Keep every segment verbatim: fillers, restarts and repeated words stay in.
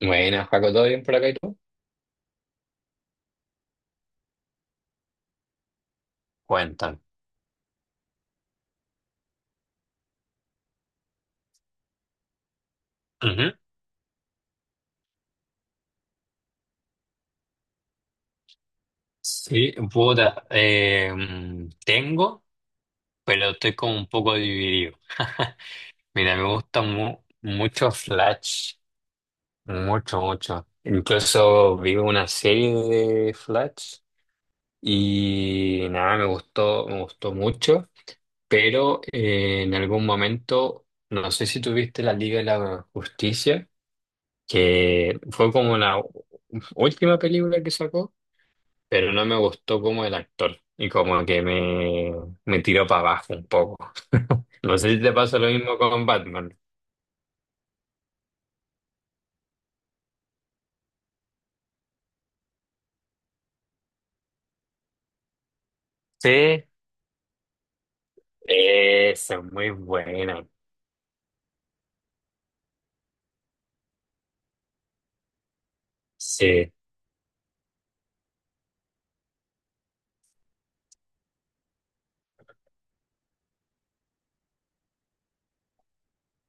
Buenas, Paco, ¿todo bien por acá y tú? Cuentan. Ujú. Sí, puta, eh, tengo, pero estoy como un poco dividido. Mira, me gusta mu- mucho Flash, mucho, mucho. Incluso vi una serie de Flash y nada, me gustó, me gustó mucho, pero eh, en algún momento, no sé si tuviste la Liga de la Justicia, que fue como la última película que sacó, pero no me gustó como el actor y como que me, me tiró para abajo un poco. No sé si te pasa lo mismo con Batman. Sí. Esa es muy buena. Sí.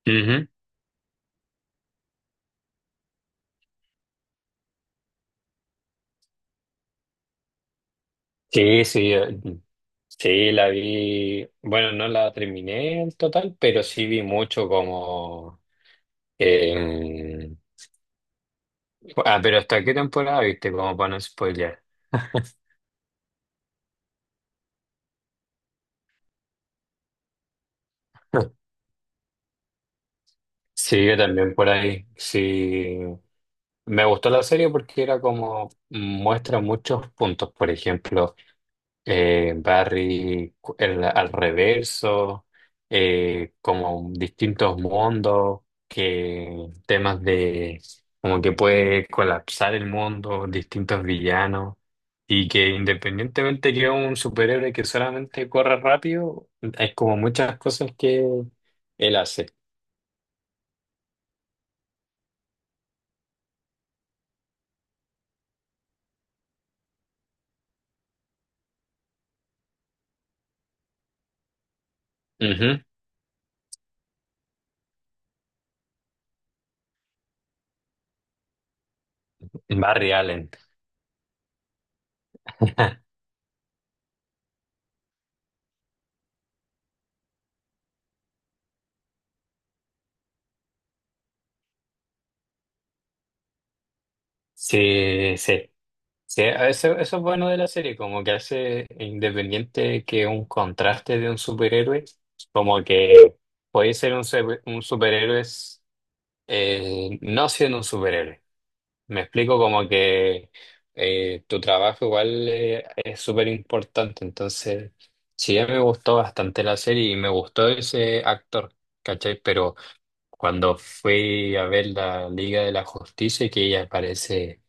Ujú. Sí, sí, eh, sí, la vi. Bueno, no la terminé en total, pero sí vi mucho como... eh, ah, pero ¿hasta qué temporada viste? Como para no spoilear. Sí, yo también por ahí. Sí, me gustó la serie porque era como muestra muchos puntos, por ejemplo, eh, Barry cu- el- al reverso, eh, como distintos mundos, que temas de como que puede colapsar el mundo, distintos villanos, y que independientemente que es un superhéroe que solamente corre rápido, hay como muchas cosas que él hace. Barry Allen. Sí, sí. Sí, eso, eso es bueno de la serie, como que hace independiente que un contraste de un superhéroe, como que puede ser un, super- un superhéroe, eh, no siendo un superhéroe. Me explico como que eh, tu trabajo igual eh, es súper importante, entonces sí, me gustó bastante la serie y me gustó ese actor, ¿cachai? Pero... Cuando fui a ver la Liga de la Justicia, que ella aparece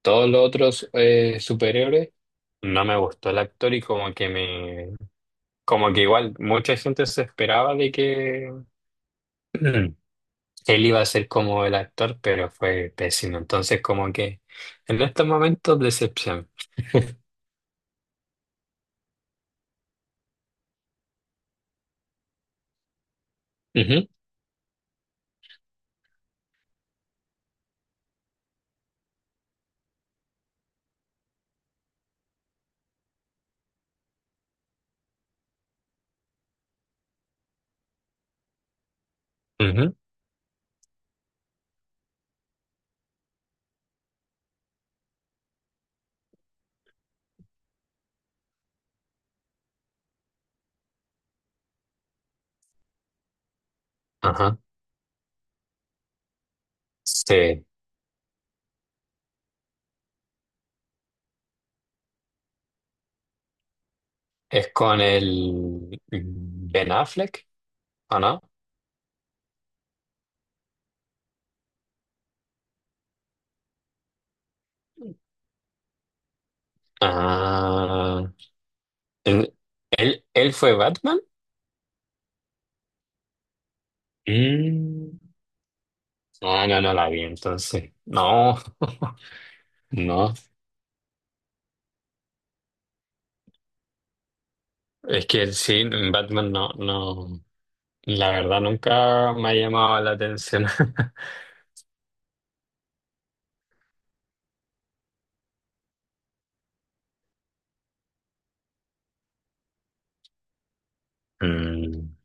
todos los otros eh, superhéroes, no me gustó el actor y como que me, como que igual mucha gente se esperaba de que él iba a ser como el actor, pero fue pésimo. Entonces como que en estos momentos decepción. Ujú, ujú, ajá. Sí, es con el Ben Affleck, ¿o no? Ah, ¿él, él él fue Batman? Mm. Ah, no, no la vi entonces. No, no. Es que sí, Batman no, no. La verdad nunca me ha llamado la atención. Mm.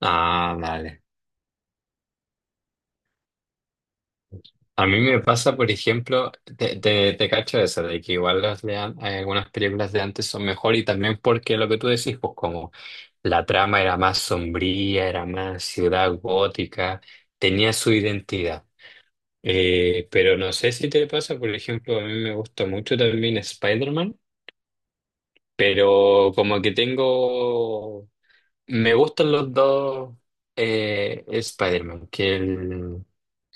Ah, vale. A mí me pasa, por ejemplo, te, te, te cacho eso, de que igual las de an- eh, algunas películas de antes son mejor y también porque lo que tú decís, pues como la trama era más sombría, era más ciudad gótica, tenía su identidad. Eh, pero no sé si te pasa, por ejemplo, a mí me gusta mucho también Spider-Man, pero como que tengo, me gustan los dos eh, Spider-Man, que el,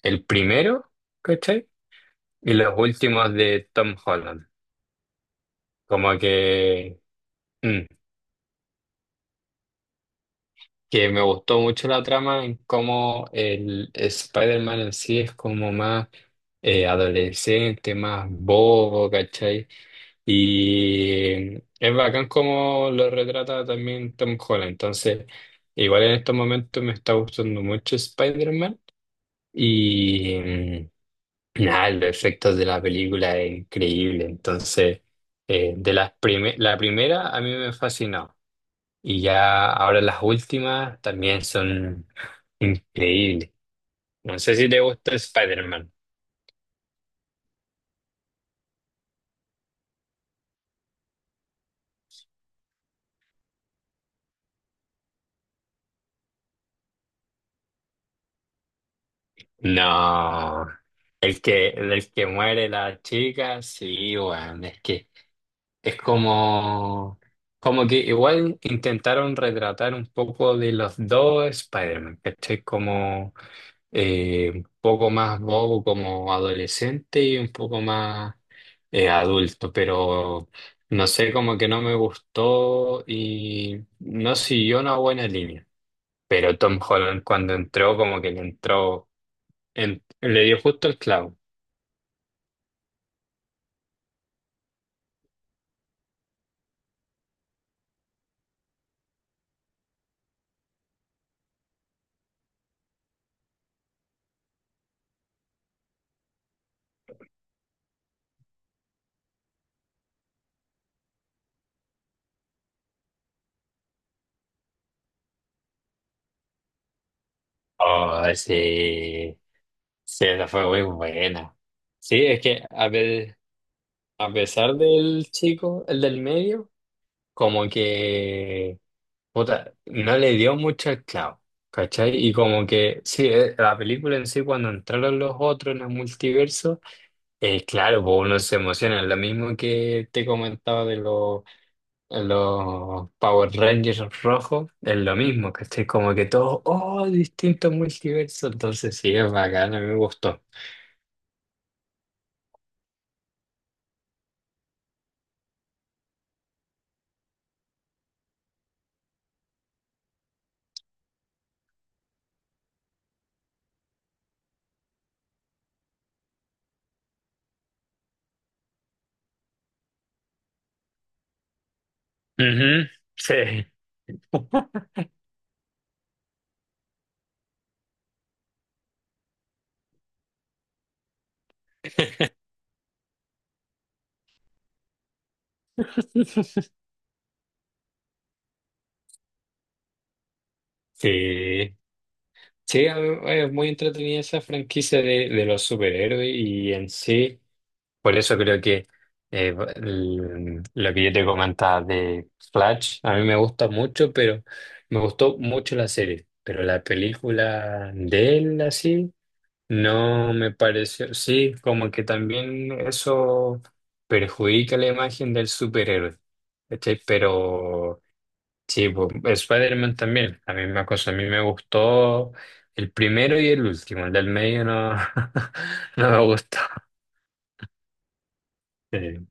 el primero, ¿cachai? Y los últimos de Tom Holland. Como que, mm, que me gustó mucho la trama en cómo el Spider-Man en sí es como más eh, adolescente, más bobo, ¿cachai? Y es bacán como lo retrata también Tom Holland. Entonces, igual en estos momentos me está gustando mucho Spider-Man. Y mm, nada, los efectos de la película es increíble. Entonces, eh, de las prime- la primera a mí me fascinó. Y ya ahora las últimas también son increíbles. No sé si te gusta Spider-Man. No. El que, el que muere la chica, sí, weón, es que... Es como, como que igual intentaron retratar un poco de los dos Spider-Man, ¿cachai? Como eh, un poco más bobo como adolescente y un poco más eh, adulto, pero no sé, como que no me gustó y no siguió una buena línea. Pero Tom Holland cuando entró, como que le entró, en- le dio justo el clavo. Oh, sí, sí, esa fue muy buena. Sí, es que a ver. A pesar del chico, el del medio, como que puta, no le dio mucho el clavo, ¿cachai? Y como que, sí, eh, la película en sí, cuando entraron los otros en el multiverso, eh, claro, pues uno se emociona, lo mismo que te comentaba de los, los Power Rangers rojos, es lo mismo, ¿cachai? Como que todos, oh, distintos multiversos, entonces sí, es bacán, a mí me gustó. Ujú, sí. Sí. Sí, a mí- eh, es muy entretenida esa franquicia de, de los superhéroes y en sí, por eso creo que eh, el- lo que yo te comentaba de Flash, a mí me gusta mucho, pero me gustó mucho la serie, pero la película de él así no me pareció, sí, como que también eso perjudica la imagen del superhéroe, ¿cachai? Pero... Sí, pues, Spider-Man también, la misma cosa. A mí me gustó el primero y el último, el del medio no, no me gustó. Sí.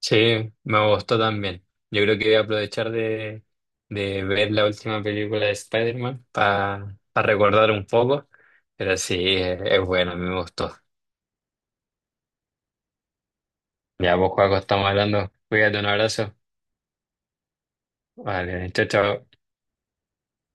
Sí, me gustó también. Yo creo que voy a aprovechar de, de ver la última película de Spider-Man para recordar un poco, pero sí, es, es bueno, a mí me gustó. Ya, pues, Juaco, estamos hablando. Cuídate, un abrazo. Vale, chao, chao.